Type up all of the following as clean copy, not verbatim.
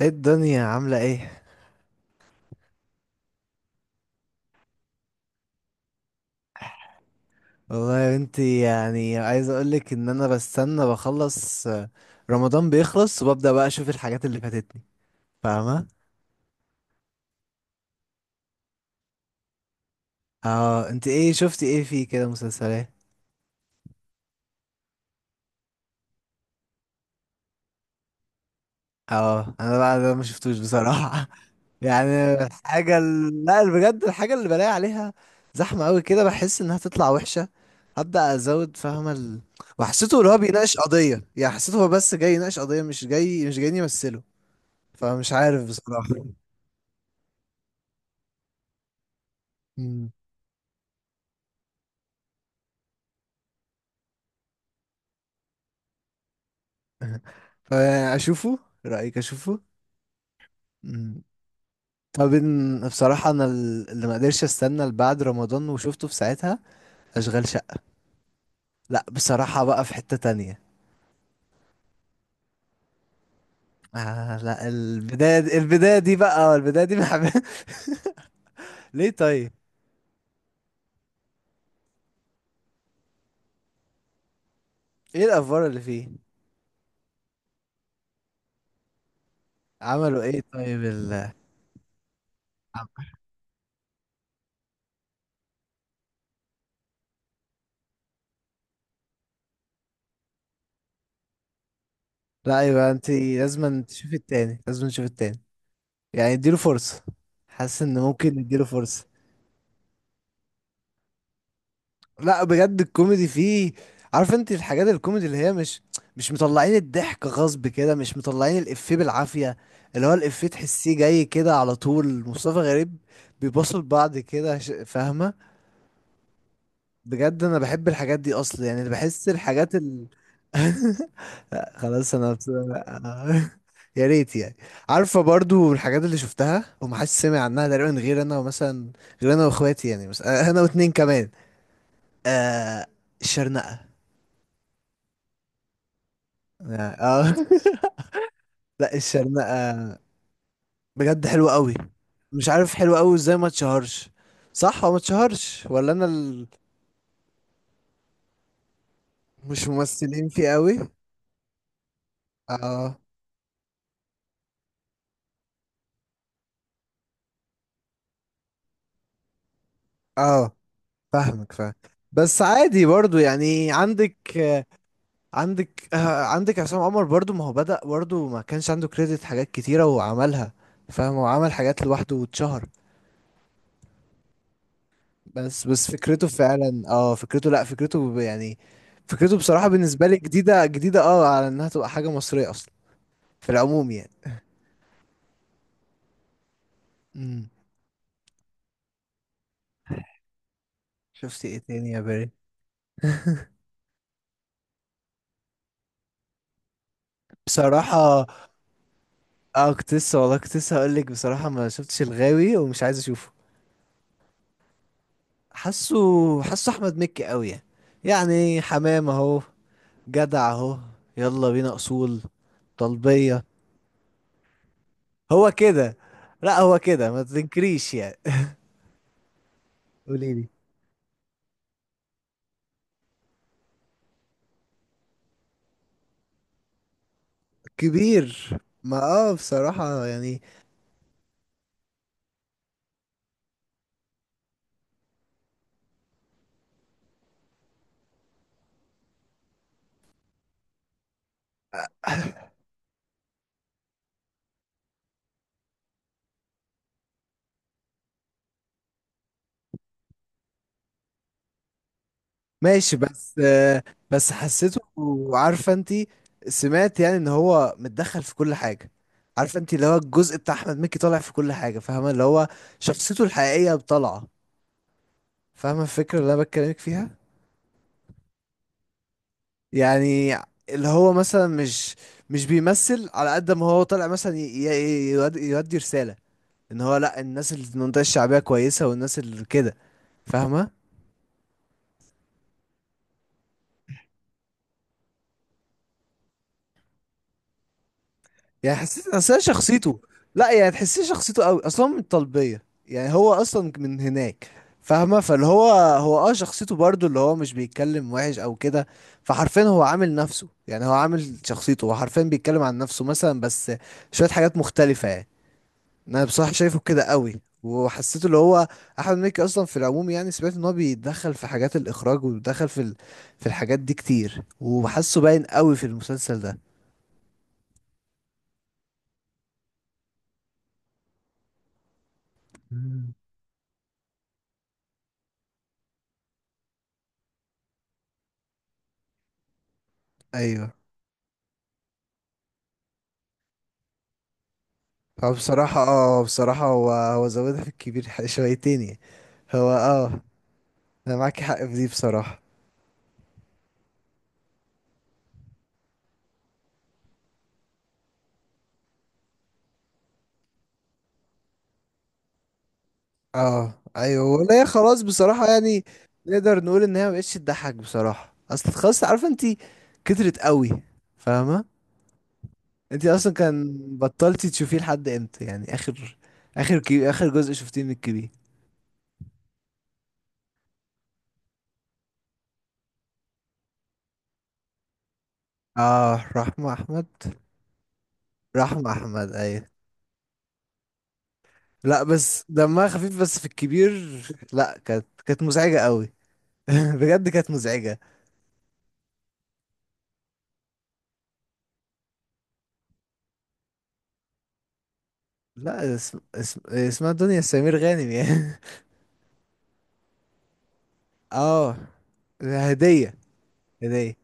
ايه الدنيا عاملة ايه؟ والله يا بنتي، يعني عايز اقولك ان انا بستنى بخلص رمضان بيخلص وببدأ بقى اشوف الحاجات اللي فاتتني. فاهمة؟ اه انت ايه شفتي؟ ايه فيه كده مسلسلات؟ اه انا بقى ده ما شفتوش بصراحة. يعني لا، بجد الحاجة اللي بلاقي عليها زحمة قوي كده بحس انها تطلع وحشة. هبدأ ازود، فاهمة وحسيته اللي هو بيناقش قضية، يعني حسيته هو بس جاي يناقش قضية، مش جايين يمثله. فمش عارف بصراحة. فاشوفه رايك اشوفه؟ مم. طب بصراحه انا اللي ما قدرش استنى لبعد رمضان وشفته في ساعتها اشغال شقه. لا بصراحه بقى في حته تانية. لا، البدايه دي بقى، البدايه دي بحب. ليه طيب؟ ايه الافوار اللي فيه؟ عملوا ايه طيب لا، يبقى انت لازم تشوفي التاني، لازم تشوفي التاني. يعني اديله فرصه، حاسس ان ممكن نديله فرصه. لا بجد الكوميدي فيه، عارف انت الحاجات الكوميدي اللي هي مش مطلعين الضحك غصب كده، مش مطلعين الإفيه بالعافية. اللي هو الإفيه تحسيه جاي كده على طول، مصطفى غريب بيبصوا لبعض كده، فاهمة؟ بجد انا بحب الحاجات دي اصلا، يعني بحس الحاجات. لا خلاص، انا يا ريت يعني. عارفة برضو الحاجات اللي شفتها ومحدش سمع عنها تقريبا غير انا، ومثلا غير انا واخواتي، يعني بس انا واتنين كمان. آه الشرنقة. يعني لا، الشرنقة بجد حلوة قوي، مش عارف حلوة قوي ازاي ما اتشهرش. صح، هو ما اتشهرش ولا انا. مش ممثلين فيه قوي. اه، اه، فاهمك فاهم. بس عادي برضو، يعني عندك عصام عمر، برضو ما هو بدأ، برضو ما كانش عنده كريدت حاجات كتيرة وعملها. فاهم، هو عمل حاجات لوحده واتشهر. بس فكرته فعلا، اه فكرته، لا فكرته يعني فكرته بصراحة بالنسبة لي جديدة جديدة على انها تبقى حاجة مصرية اصلا، في العموم يعني. امم. شفت ايه تاني يا باري؟ بصراحة اه كنت لسه، والله كنت لسه هقول لك بصراحة ما شفتش الغاوي ومش عايز اشوفه. حاسه حاسه احمد مكي قوي يعني، يعني حمام اهو، جدع اهو، يلا بينا اصول، طلبية. هو كده، لا هو كده ما تنكريش يعني. قوليلي. كبير؟ ما اه بصراحة يعني. ماشي، بس بس حسيته، عارفة انتي، سمعت يعني ان هو متدخل في كل حاجة. عارفة انتي اللي هو الجزء بتاع احمد مكي طالع في كل حاجة، فاهمة؟ اللي هو شخصيته الحقيقية طالعة، فاهمة الفكرة اللي انا بتكلمك فيها؟ يعني اللي هو مثلا مش بيمثل على قد ما هو طالع، مثلا يودي رسالة ان هو لا، الناس اللي في المنطقة الشعبية كويسة، والناس اللي كده، فاهمة؟ يعني حسيت اصل هي شخصيته، لا يعني تحسيه شخصيته قوي اصلا من الطلبيه، يعني هو اصلا من هناك. فاهمه؟ فاللي هو شخصيته برضو اللي هو مش بيتكلم وحش او كده. فحرفيا هو عامل نفسه، يعني هو عامل شخصيته، هو حرفيا بيتكلم عن نفسه مثلا، بس شويه حاجات مختلفه يعني. انا بصراحه شايفه كده قوي، وحسيته اللي هو احمد مكي اصلا في العموم يعني. سمعت ان هو بيتدخل في حاجات الاخراج وبيتدخل في في الحاجات دي كتير، وحاسه باين قوي في المسلسل ده. مم. ايوه. هو بصراحة، بصراحة هو زودها في الكبير شويتين يعني. هو انا معاك حق في دي بصراحة. اه، ايوه، ولا هي خلاص بصراحة يعني. نقدر نقول ان هي مبقتش تضحك بصراحة، اصل خلاص، عارفة انتي، كترت قوي، فاهمة؟ انتي اصلا كان بطلتي تشوفيه لحد امتى؟ يعني اخر، اخر اخر جزء شفتيه من الكبير. اه، رحمة احمد. رحمة احمد، ايوه. لا بس دمها خفيف بس في الكبير. لا، كانت مزعجة قوي، بجد كانت مزعجة. لا، اسمها دنيا سمير غانم يعني. اه، هدية، هدية.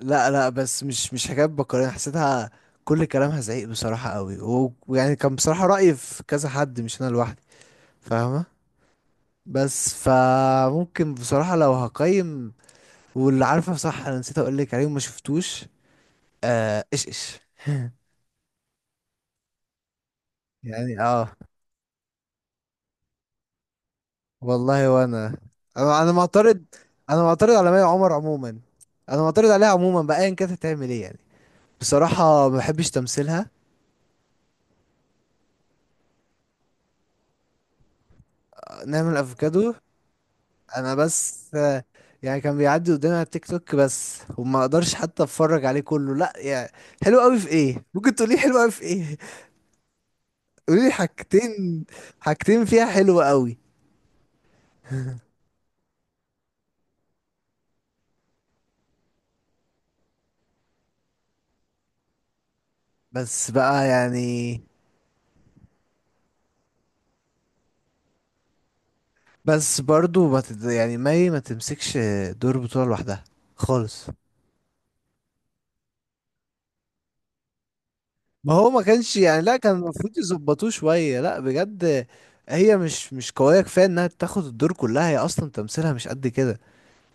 لا، لا، بس مش حكاية بكرة حسيتها. كل كلامها زعيق بصراحة قوي، ويعني كان بصراحة رأيي في كذا حد، مش أنا لوحدي، فاهمة؟ بس فممكن بصراحة لو هقيم. واللي عارفة صح، أنا نسيت أقول لك عليه وما شفتوش. إيش إيش. يعني والله وانا، انا معترض. انا معترض على مي عمر عموما، انا معترض عليها عموما بقى، ايا كانت هتعمل ايه يعني. بصراحه ما بحبش تمثيلها. نعمل افوكادو؟ انا بس يعني كان بيعدي قدامي على التيك توك بس، وما اقدرش حتى اتفرج عليه كله، لا يعني. حلو قوي في ايه؟ ممكن تقولي حلو قوي في ايه؟ قولي لي حاجتين، حاجتين فيها حلو قوي. بس بقى يعني. بس برضو ما تد... يعني مي ما تمسكش دور بطولة لوحدها خالص. ما هو ما كانش يعني، لا كان المفروض يظبطوه شوية، لا بجد. هي مش قوية كفاية انها تاخد الدور كلها، هي اصلا تمثيلها مش قد كده.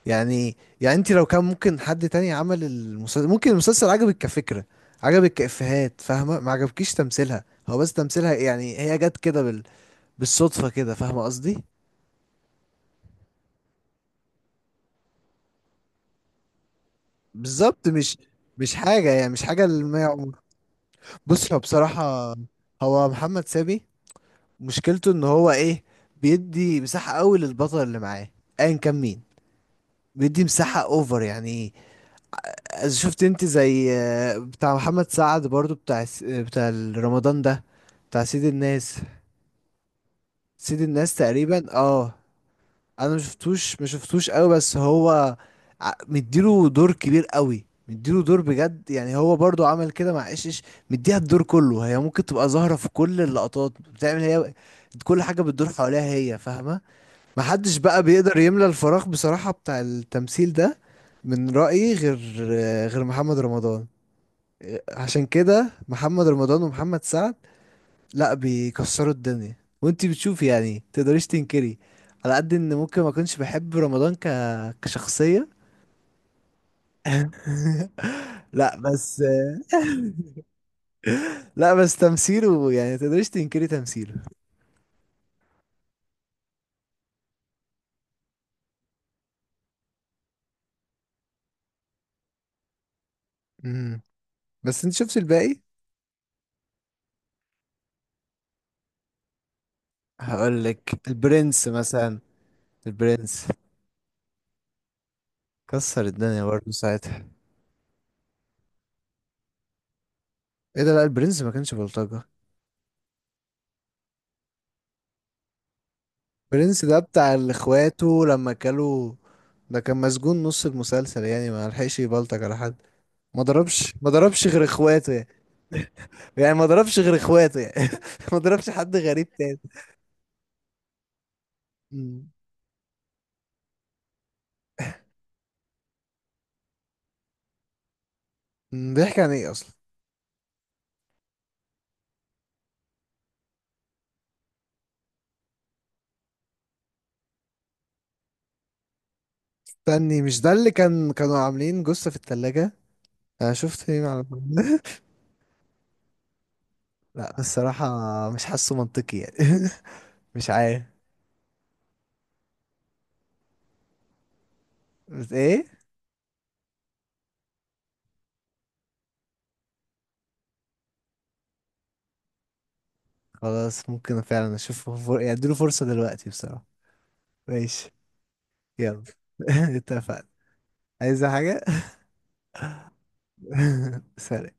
يعني انت لو كان ممكن حد تاني عمل المسلسل، ممكن المسلسل عجبك كفكرة، عجبك كإفيهات، فاهمة؟ ما عجبكيش تمثيلها، هو بس تمثيلها يعني، هي جت كده بالصدفة كده، فاهمة قصدي؟ بالظبط، مش حاجة، يعني مش حاجة اللي ما يعمر. بص، هو بصراحة، هو محمد سامي مشكلته ان هو ايه؟ بيدي مساحة قوي للبطل اللي معاه، ايا كان مين، بيدي مساحة اوفر يعني. إذا شفت انت زي بتاع محمد سعد برضو، بتاع بتاع رمضان ده، بتاع سيد الناس. سيد الناس تقريبا انا مشفتوش قوي، بس هو مديله دور كبير قوي، مديله دور بجد يعني. هو برضو عمل كده مع ايش ايش، مديها الدور كله هي، ممكن تبقى ظاهرة في كل اللقطات، بتعمل هي كل حاجة، بتدور حواليها هي، فاهمة؟ محدش بقى بيقدر يملى الفراغ بصراحة بتاع التمثيل ده. من رأيي، غير محمد رمضان. عشان كده محمد رمضان ومحمد سعد لا بيكسروا الدنيا، وانتي بتشوفي يعني تقدريش تنكري. على قد ان ممكن ما كنتش بحب رمضان كشخصية، لا بس لا بس تمثيله يعني تقدريش تنكري تمثيله. امم. بس انت شفت الباقي. هقولك البرنس مثلا، البرنس كسر الدنيا برضه ساعتها. ايه ده، لا البرنس ما كانش بلطجة. برنس ده بتاع اللي اخواته لما كلوا، ده كان مسجون نص المسلسل يعني، ما لحقش يبلطج على حد. ما ضربش غير اخواته يعني، يعني ما ضربش غير اخواته يعني ما ضربش حد غريب تاني. مم. بيحكي عن ايه اصلا؟ استني، مش ده اللي كانوا عاملين جثة في التلاجة؟ انا شفت ايه على لا الصراحة مش حاسه منطقي يعني، مش عارف. بس ايه؟ خلاص ممكن فعلا اشوفه يعني اديله فرصة دلوقتي بصراحة. ماشي. يلا، اتفقنا. عايزة حاجة؟ سلام.